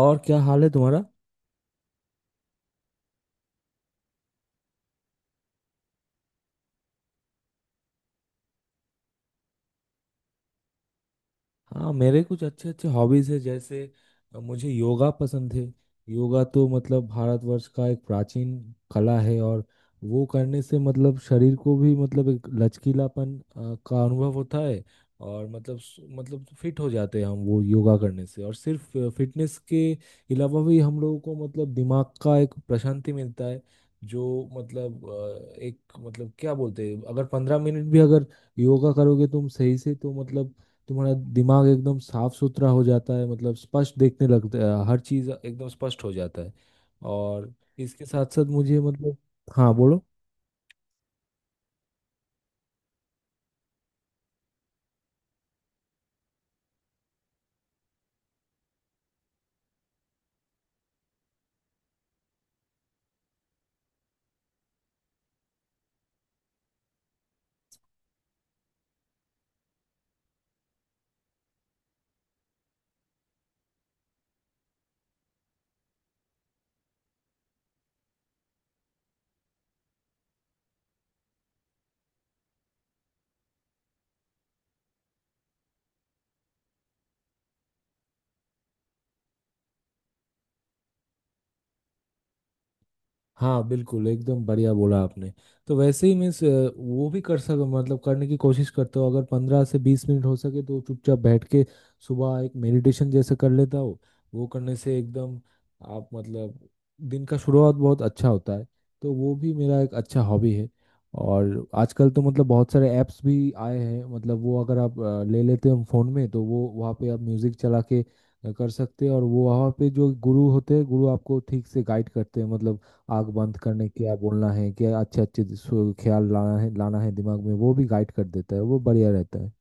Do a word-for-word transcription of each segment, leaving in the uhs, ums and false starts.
और क्या हाल है तुम्हारा? हाँ, मेरे कुछ अच्छे अच्छे हॉबीज है जैसे अ, मुझे योगा पसंद है। योगा तो मतलब भारतवर्ष का एक प्राचीन कला है, और वो करने से मतलब शरीर को भी मतलब एक लचकीलापन अ, का अनुभव होता है। और मतलब स- मतलब फिट हो जाते हैं हम वो योगा करने से, और सिर्फ फिटनेस के अलावा भी हम लोगों को मतलब दिमाग का एक प्रशांति मिलता है। जो मतलब अ, एक मतलब क्या बोलते हैं, अगर पंद्रह मिनट भी अगर योगा करोगे तुम सही से तो मतलब तुम्हारा दिमाग एकदम साफ सुथरा हो जाता है, मतलब स्पष्ट देखने लगता है, हर चीज एकदम स्पष्ट हो जाता है। और इसके साथ साथ मुझे मतलब हाँ बोलो। हाँ, बिल्कुल एकदम बढ़िया बोला आपने। तो वैसे ही मीन्स वो भी कर सक मतलब करने की कोशिश करता हूँ, अगर पंद्रह से बीस मिनट हो सके तो चुपचाप बैठ के सुबह एक मेडिटेशन जैसे कर लेता हूँ। वो करने से एकदम आप मतलब दिन का शुरुआत बहुत अच्छा होता है। तो वो भी मेरा एक अच्छा हॉबी है। और आजकल तो मतलब बहुत सारे ऐप्स भी आए हैं, मतलब वो अगर आप अ, ले लेते हैं फ़ोन में, तो वो वहाँ पे आप म्यूज़िक चला के अ, कर सकते हैं, और वो वहाँ पे जो गुरु होते हैं गुरु आपको ठीक से गाइड करते हैं, मतलब आग बंद करने क्या बोलना है, क्या अच्छे अच्छे सु- ख्याल लाना है लाना है दिमाग में, वो भी गाइड कर देता है। वो बढ़िया रहता है।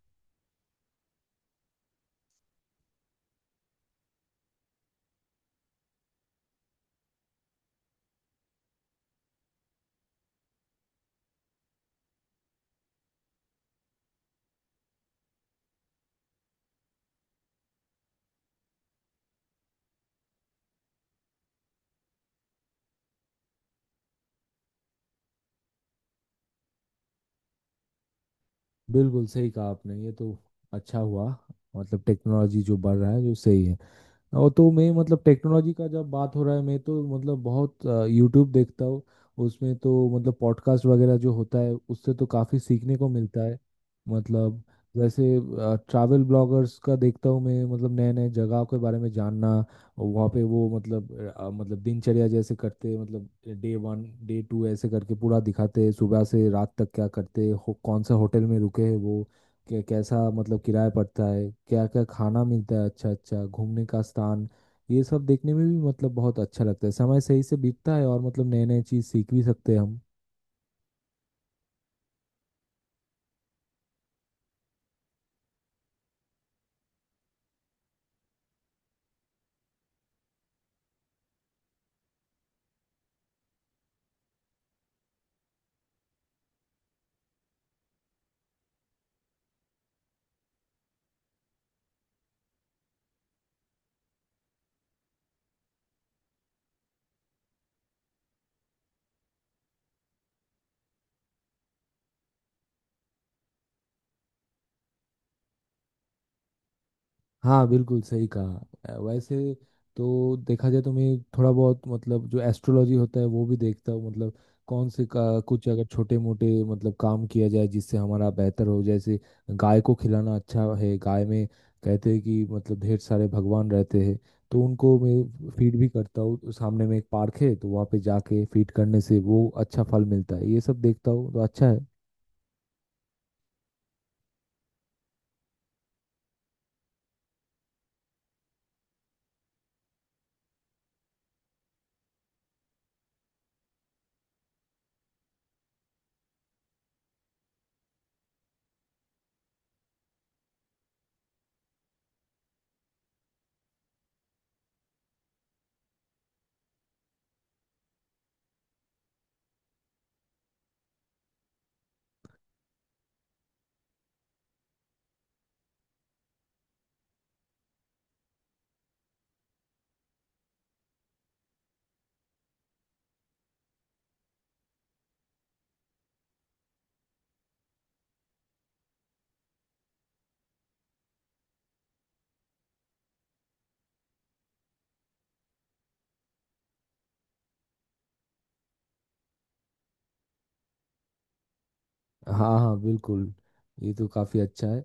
बिल्कुल सही कहा आपने। ये तो अच्छा हुआ मतलब टेक्नोलॉजी जो बढ़ रहा है जो सही है। और तो मैं मतलब टेक्नोलॉजी का जब बात हो रहा है, मैं तो मतलब बहुत यूट्यूब देखता हूँ। उसमें तो मतलब पॉडकास्ट वगैरह जो होता है उससे तो काफ़ी सीखने को मिलता है, मतलब जैसे ट्रैवल ब्लॉगर्स का देखता हूँ मैं, मतलब नए नए जगह के बारे में जानना। और वहाँ पे वो मतलब अ, मतलब दिनचर्या जैसे करते मतलब डे वन डे टू ऐसे करके पूरा दिखाते हैं, सुबह से रात तक क्या करते हो- कौन सा होटल में रुके हैं, वो कै- कैसा मतलब किराया पड़ता है, क्या क्या खाना मिलता है, अच्छा अच्छा घूमने का स्थान। ये सब देखने में भी मतलब बहुत अच्छा लगता है, समय सही से बीतता है, और मतलब नए नए चीज़ सीख भी सकते हैं हम। हाँ, बिल्कुल सही कहा। अ, वैसे तो देखा जाए तो मैं थोड़ा बहुत मतलब जो एस्ट्रोलॉजी होता है वो भी देखता हूँ, मतलब कौन से का कुछ अगर छोटे मोटे मतलब काम किया जाए जिससे हमारा बेहतर हो, जैसे गाय को खिलाना अच्छा है, गाय में कहते हैं कि मतलब ढेर सारे भगवान रहते हैं। तो उनको मैं फीड भी करता हूँ, तो सामने में एक पार्क है, तो वहाँ पे जाके फीड करने से वो अच्छा फल मिलता है, ये सब देखता हूँ तो अच्छा है। हाँ हाँ, बिल्कुल। ये तो काफी अच्छा है।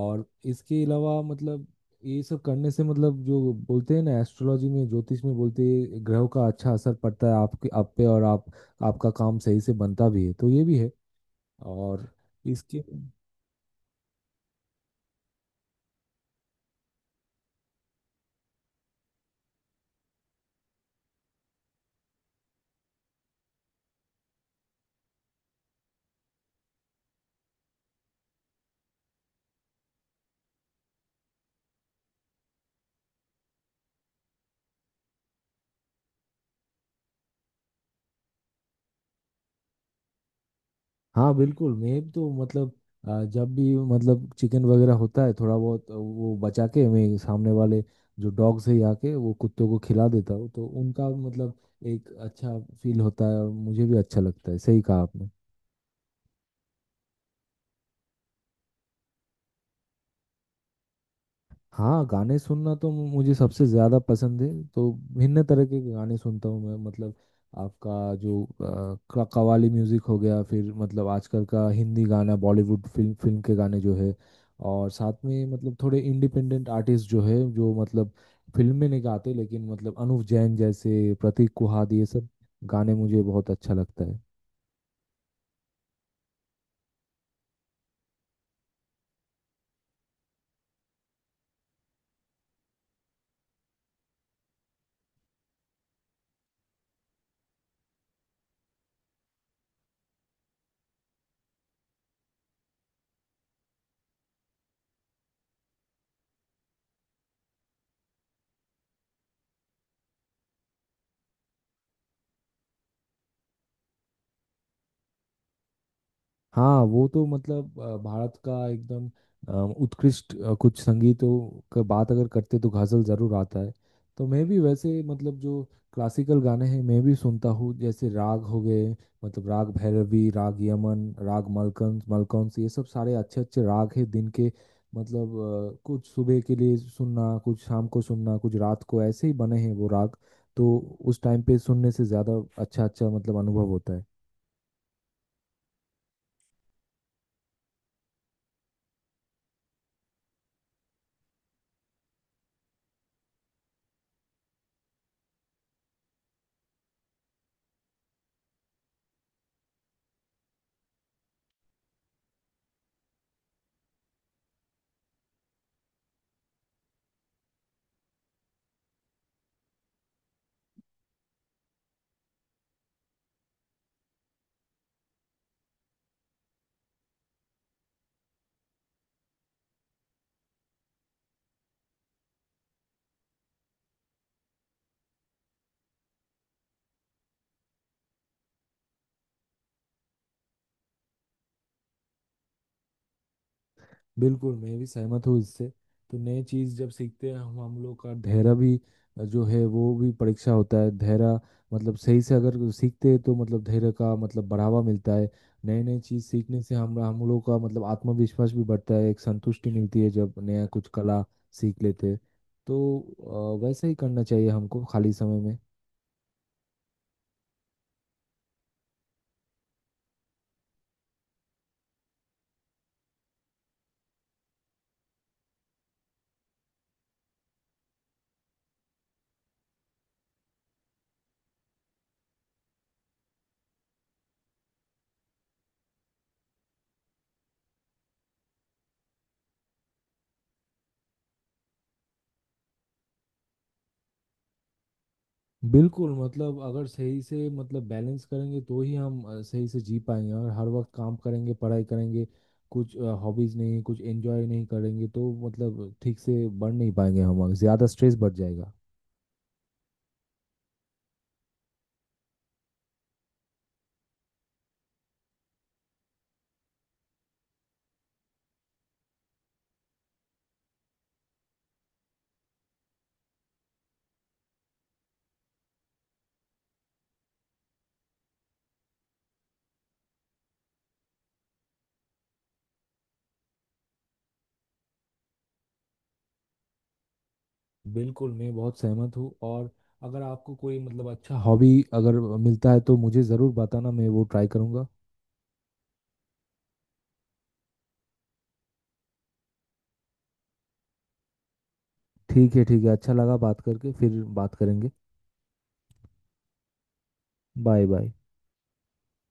और इसके अलावा मतलब ये सब करने से मतलब जो बोलते हैं ना, एस्ट्रोलॉजी में ज्योतिष में बोलते हैं, ग्रहों का अच्छा असर पड़ता है आपके आप पे, और आप आपका काम सही से बनता भी है, तो ये भी है। और इसके हाँ, बिल्कुल। मैं तो मतलब अ, जब भी मतलब चिकन वगैरह होता है थोड़ा बहुत आ, वो बचा के मैं सामने वाले जो डॉग्स है आके वो कुत्तों को खिला देता हूँ, तो उनका मतलब एक अच्छा फील होता है, और मुझे भी अच्छा लगता है। सही कहा आपने। हाँ, गाने सुनना तो मुझे सबसे ज़्यादा पसंद है। तो भिन्न तरह के गाने सुनता हूँ मैं, मतलब आपका जो अ, क- कव्वाली म्यूज़िक हो गया, फिर मतलब आजकल का हिंदी गाना, बॉलीवुड फिल्म फिल्म के गाने जो है, और साथ में मतलब थोड़े इंडिपेंडेंट आर्टिस्ट जो है जो मतलब फिल्म में नहीं गाते, लेकिन मतलब अनुव जैन जैसे, प्रतीक कुहाद, ये सब गाने मुझे बहुत अच्छा लगता है। हाँ, वो तो मतलब अ, भारत का एकदम अ, उत्कृष्ट अ, कुछ संगीतों का बात अगर करते तो गजल जरूर आता है। तो मैं भी वैसे मतलब जो क्लासिकल गाने हैं मैं भी सुनता हूँ, जैसे राग हो गए मतलब राग भैरवी, राग यमन, राग मलकंस मलकंस, ये सब सारे अच्छे अच्छे राग हैं दिन के, मतलब अ, कुछ सुबह के लिए सुनना, कुछ शाम को सुनना, कुछ रात को, ऐसे ही बने हैं वो राग। तो उस टाइम पे सुनने से ज़्यादा अच्छा अच्छा मतलब अनुभव होता है। बिल्कुल, मैं भी सहमत हूँ इससे। तो नई चीज़ जब सीखते हैं हम हम लोग का धैर्य भी अ, जो है वो भी परीक्षा होता है धैर्य, मतलब सही से अगर सीखते हैं तो मतलब धैर्य का मतलब बढ़ावा मिलता है। नई नई चीज़ सीखने से हम हम लोग का मतलब आत्मविश्वास भी बढ़ता है, एक संतुष्टि मिलती है जब नया कुछ कला सीख लेते हैं। तो अ, वैसा ही करना चाहिए हमको खाली समय में। बिल्कुल, मतलब अगर सही से मतलब बैलेंस करेंगे तो ही हम अ, सही से जी पाएंगे, और हर वक्त काम करेंगे पढ़ाई करेंगे, कुछ हॉबीज नहीं कुछ एंजॉय नहीं करेंगे तो मतलब ठीक से बढ़ नहीं पाएंगे हम, और ज़्यादा स्ट्रेस बढ़ जाएगा। बिल्कुल, मैं बहुत सहमत हूँ। और अगर आपको कोई मतलब अच्छा हॉबी अगर मिलता है तो मुझे ज़रूर बताना, मैं वो ट्राई करूँगा। ठीक है ठीक है, अच्छा लगा बात करके। फिर बात करेंगे। Bye bye.